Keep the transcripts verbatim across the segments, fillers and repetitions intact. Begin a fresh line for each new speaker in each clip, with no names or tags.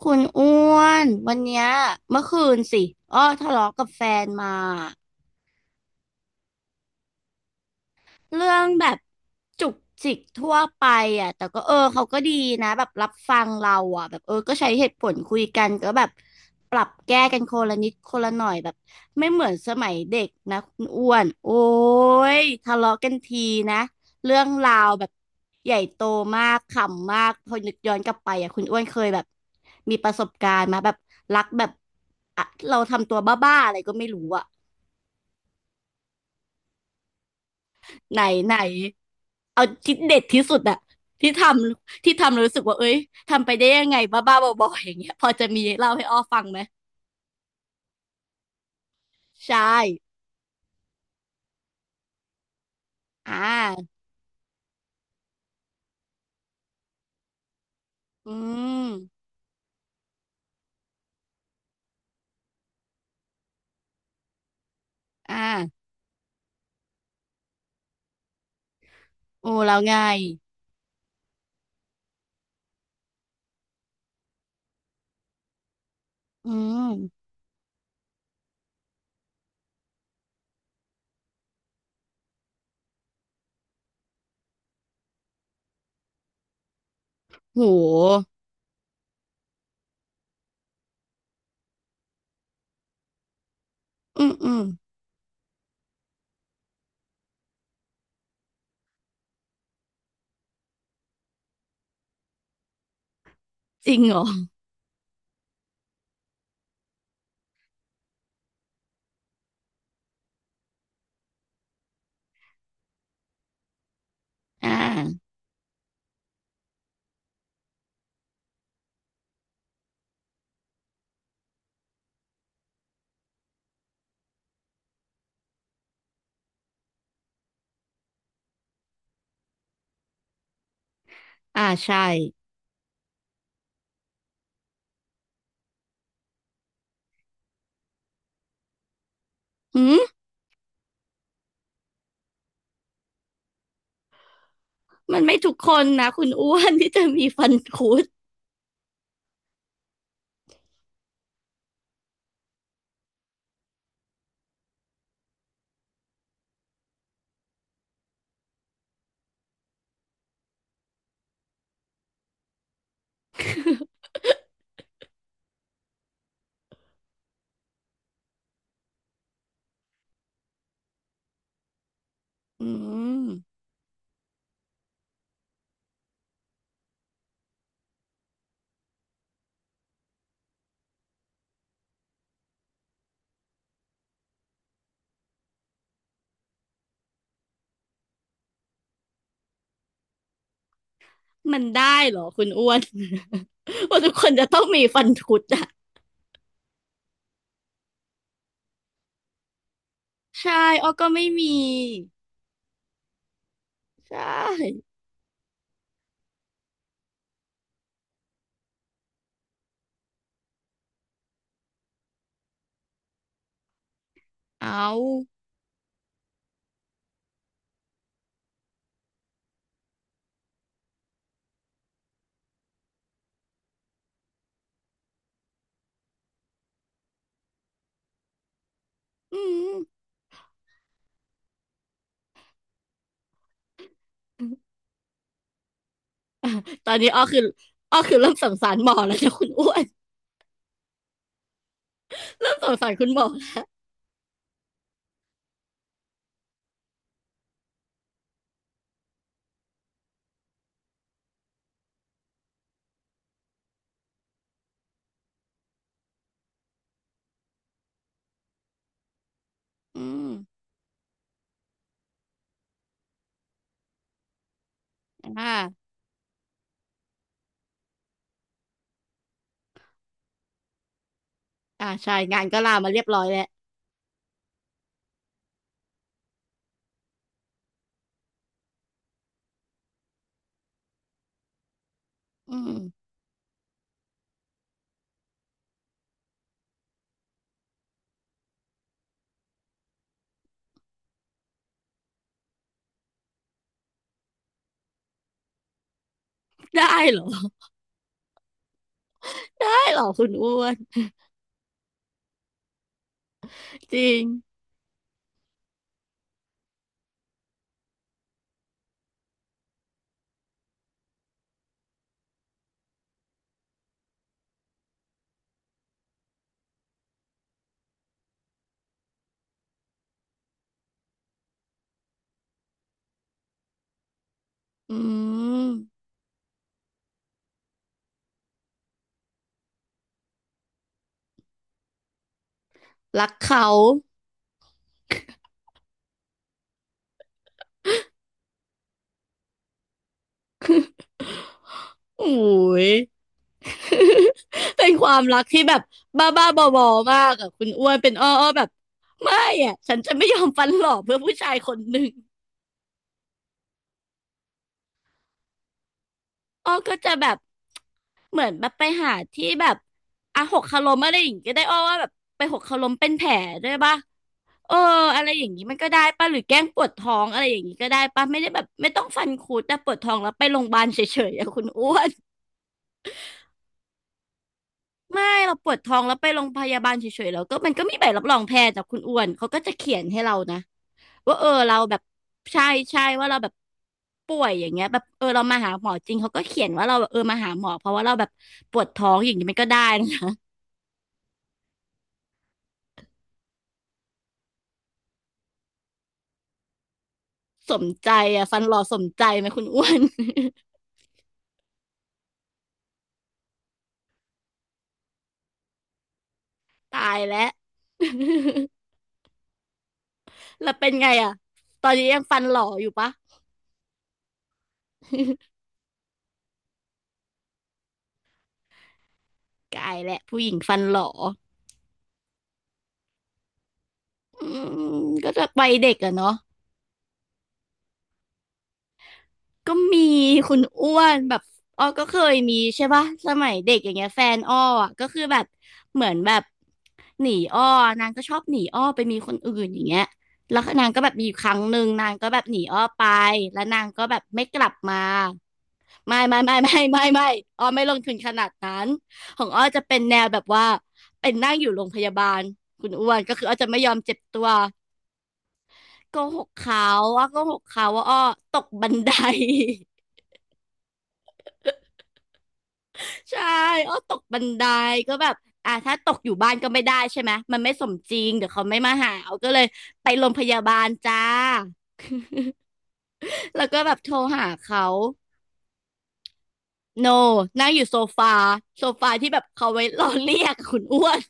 คุณอ้วนวันเนี้ยเมื่อคืนสิอ้อทะเลาะกับแฟนมา เรื่องแบบจุกจิกทั่วไปอ่ะแต่ก็เออเขาก็ดีนะแบบรับฟังเราอ่ะแบบเออก็ใช้เหตุผลคุยกันก็แบบปรับแก้กันคนละนิดคนละหน่อยแบบไม่เหมือนสมัยเด็กนะคุณอ้วนโอ้ยทะเลาะกันทีนะเรื่องราวแบบใหญ่โตมากขำมากพอนึกย้อนกลับไปอ่ะคุณอ้วนเคยแบบมีประสบการณ์มาแบบรักแบบอะเราทำตัวบ้าๆอะไรก็ไม่รู้อ่ะไหนไหน เอาที่เด็ดที่สุดอะที่ทำที่ทำแล้วรู้สึกว่าเอ้ยทำไปได้ยังไงบ้าๆบอๆอย่างเงี้ยพอจะมีเล่าให้อ้อฟังไหมใช่อ่าอืมอ่าโอ้แล้วไงอืมโหอืมอืมจริงเหรออ่าอ่าใช่อืมมันไม่ทุกคนนะคุณอ้วนที่จะมีฟันคุดอืมมันได้เหรอคุณอ้วน ว่าทุกคนจะต้องมีฟันคุดอะใช่อ้อก็ไม่มีใช่ เอาอืมตอนนี้อ้อคืออ้อคือเริ่มสงสารหมอแล้วนะคุณอ้วน เริ่มสงสารคุณหมอ้วอืมอ่าอ่าใช่งานก็ลามาเรียบร้อยแล้วอืมได้เหรอ ได้เหรอคุณอ้วนจริงอืมรักเขาอุ้ย เป็นความรักที่แบบบ้าๆบอๆมากอะคุณอ้วนเป็นอ้ออ้อแบบไม่อะฉันจะไม่ยอมฟันหลอกเพื่อผู้ชายคนหนึ่ง อ้อก็จะแบบ เหมือนแบบไปหาที่แบบอ่ะหกคาลมอะไรอย่างงี้ก็ได้อ้อว่าแบบไปหกคาลมเป็นแผลด้วยป่ะเอออะไรอย่างงี้มันก็ได้ป่ะหรือแกล้งปวดท้องอะไรอย่างงี้ก็ได้ป่ะไม่ได้แบบไม่ต้องฟันคุดแต่ปวดท้องแล้วไปโรงพยาบาลเฉยๆอะคุณอ้วน ไม่เราปวดท้องแล้วไปโรงพยาบาลเฉยๆแล้วก็มันก็มีใบรับรองแพทย์จากคุณอ้วนเขาก็จะเขียนให้เรานะว่าเออเราแบบใช่ใช่ว่าเราแบบป่วยอย่างเงี้ยแบบเออเรามาหาหมอจริงเขาก็เขียนว่าเราแบบเออมาหาหมอเพราะว่าเราแบบปวดท้องอย่างนี้มันก็ได้นะสมใจอ่ะฟันหล่อสมใจไหมคุณอ้วน ตายแล้ว แล้วเป็นไงอ่ะตอนนี้ยังฟันหล่ออยู่ปะ กายแหละผู้หญิงฟันหล่ออืมก็จะวัยเด็กอะเนาะ ก็มีคุณอ้วนแบบอ้อก็เคยมีใช่ปะสมัยเด็กอย่างเงี้ยแฟนอ้ออะก็คือแบบเหมือนแบบหนีอ้อนางก็ชอบหนีอ้อไปมีคนอื่นอย่างเงี้ยแล้วนางก็แบบมีอยู่ครั้งหนึ่งนางก็แบบหนีอ้อไปแล้วนางก็แบบไม่กลับมาไม่ไม่ไม่ไม่ไม่ไม่อ้อไม่ลงทุนขนาดนั้นของอ้อจะเป็นแนวแบบว่าเป็นนั่งอยู่โรงพยาบาลคุณอ้วนก็คืออ้อจะไม่ยอมเจ็บตัวโกหกเขาอ้อโกหกเขาว่าอ้อตกบันได ใช่อ้อตกบันไดก็แบบอ่ะถ้าตกอยู่บ้านก็ไม่ได้ใช่ไหมมันไม่สมจริงเดี๋ยวเขาไม่มาหาเอาก็เลยไปโรงพยาบาลจ้า แล้วก็แบบโทรหาเขาโนนั่งอยู่โซฟาโซฟาที่แบบเขาไว้ รอเรียกคุณอ้วน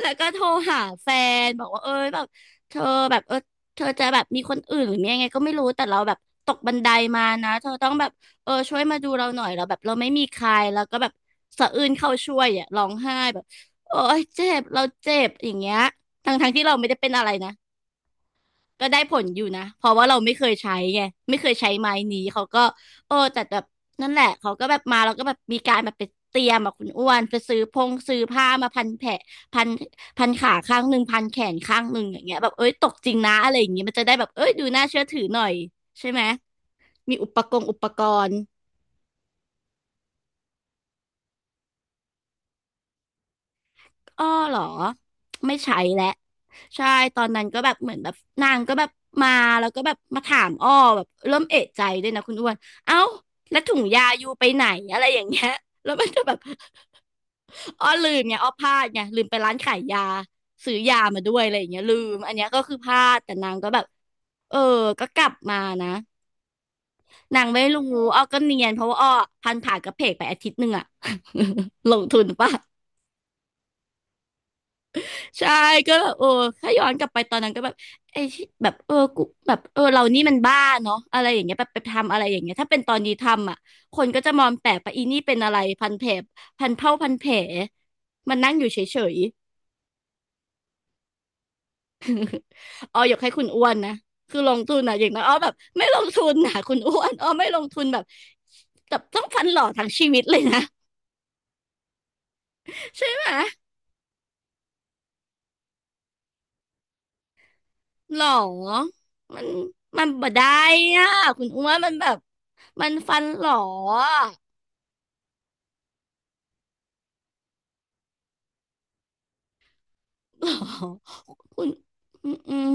แล้วก็โทรหาแฟนบอกว่าเออแบบเธอแบบเออเธอจะแบบมีคนอื่นหรือมียังไงก็ไม่รู้แต่เราแบบตกบันไดมานะเธอต้องแบบเออช่วยมาดูเราหน่อยเราแบบเราไม่มีใครแล้วก็แบบสะอื้นเข้าช่วยอ่ะร้องไห้แบบโอ๊ยเจ็บเราเจ็บอย่างเงี้ยทั้งทั้งที่เราไม่ได้เป็นอะไรนะ ก็ได้ผลอยู่นะเพราะว่าเราไม่เคยใช้ไงไม่เคยใช้ไม้นี้เขาก็เออแต่แบบนั่นแหละเขาก็แบบมาเราก็แบบมีการแบบไปเตรียมแบบคุณอ้วนไปซื้อพงซื้อผ้ามาพันแผลพันพันขาข้างหนึ่งพันแขนข้างหนึ่งอย่างเงี้ยแบบเอ้ยตกจริงนะอะไรอย่างเงี้ยมันจะได้แบบเอ้ยดูน่าเชื่อถือหน่อยใช่ไหม มีอุปกรณ์อุปกรณ์ อ้อเหรอไม่ใช้แหละใช่ตอนนั้นก็แบบเหมือนแบบนางก็แบบมาแล้วก็แบบมาถามอ้อแบบเริ่มเอะใจด้วยนะคุณอ้วนเอ้าแล้วถุงยาอยู่ไปไหนอะไรอย่างเงี้ย แล้วมันจะแบบ อ้อลืมไงอ้อพลาดไงลืมไปร้านขายยาซื้อยามาด้วยอะไรอย่างเงี้ยลืมอันเนี้ยก็คือพลาดแต่นางก็แบบเออก็กลับมานะนางไม่รู้อ้อก็เนียนเพราะว่าอ้อพันผ่ากระเพกไปอาทิตย์หนึ่งอะ ลงทุนป่ะ ใช่ก็แบบเออถ้าย้อนกลับไปตอนนั้นก็แบบไอ้ที่แบบเออกูแบบเออเรานี่มันบ้าเนาะอะไรอย่างเงี้ยแบบไปทำอะไรอย่างเงี้ยถ้าเป็นตอนนี้ทำอ่ะคนก็จะมองแปลกไปอีนี่เป็นอะไรพันแผลพันเผาพันแผลมันนั่งอยู่เฉยๆอ๋อยกให้คุณอ้วนนะคือลงทุนอ่ะอย่างนั้นอ๋อแบบไม่ลงทุนนะคุณอ้วนอ๋อไม่ลงทุนแบบแบบต้องฟันหล่อทั้งชีวิตเลยนะใช่ไหมหรอมันมันบ่ได้อ่ะคุณอ้วนมันแบบมันฟันหรอ หรอคุณอืมอืม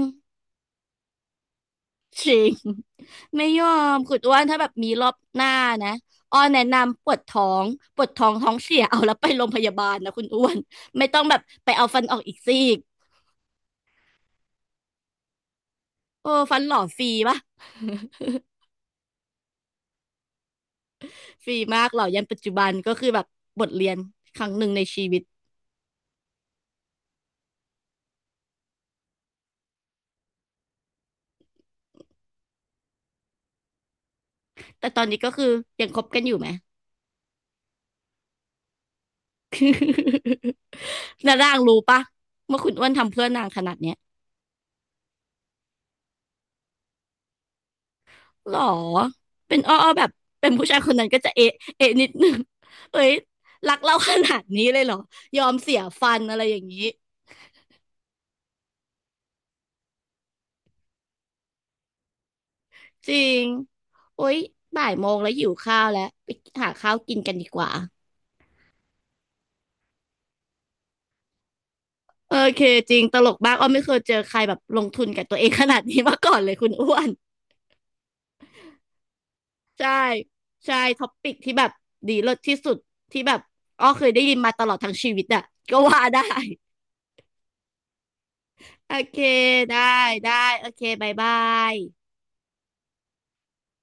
จริงไม่ยอมคุณอ้วนถ้าแบบมีรอบหน้านะอ้อแนะนำปวดท้องปวดท้องท้องเสียเอาแล้วไปโรงพยาบาลนะคุณอ้วนไม่ต้องแบบไปเอาฟันออกอีกซี่กโอ้ฟันหล่อฟรีปะ ฟรีมากหล่อยันปัจจุบันก็คือแบบบทเรียนครั้งหนึ่งในชีวิตแต่ตอนนี้ก็คือยังคบกันอยู่ไหม แล้ว นางรู้ปะว่าคุณอ้วนทำเพื่อนนางขนาดเนี้ย หรอเป็นอ้ออ้อแบบเป็นผู้ชายคนนั้นก็จะเอะเอะนิดนึง เอ้ยรักเราขนาดนี้เลยเหรอยอมเสียฟันอะไรอย่างนี้จริงโอ๊ยบ่ายโมงแล้วหิวข้าวแล้วไปหาข้าวกินกันดีกว่าโอเคจริงตลกมากอ้อไม่เคยเจอใครแบบลงทุนกับตัวเองขนาดนี้มาก่อนเลยคุณอ้วน ใช่ใช่ท็อปปิกที่แบบดีเลิศที่สุดที่แบบอ้อเคยได้ยินมาตลอดทั้งชีวิตอะก็ว่าได้ โอเคได้ได้โอเคบายบาย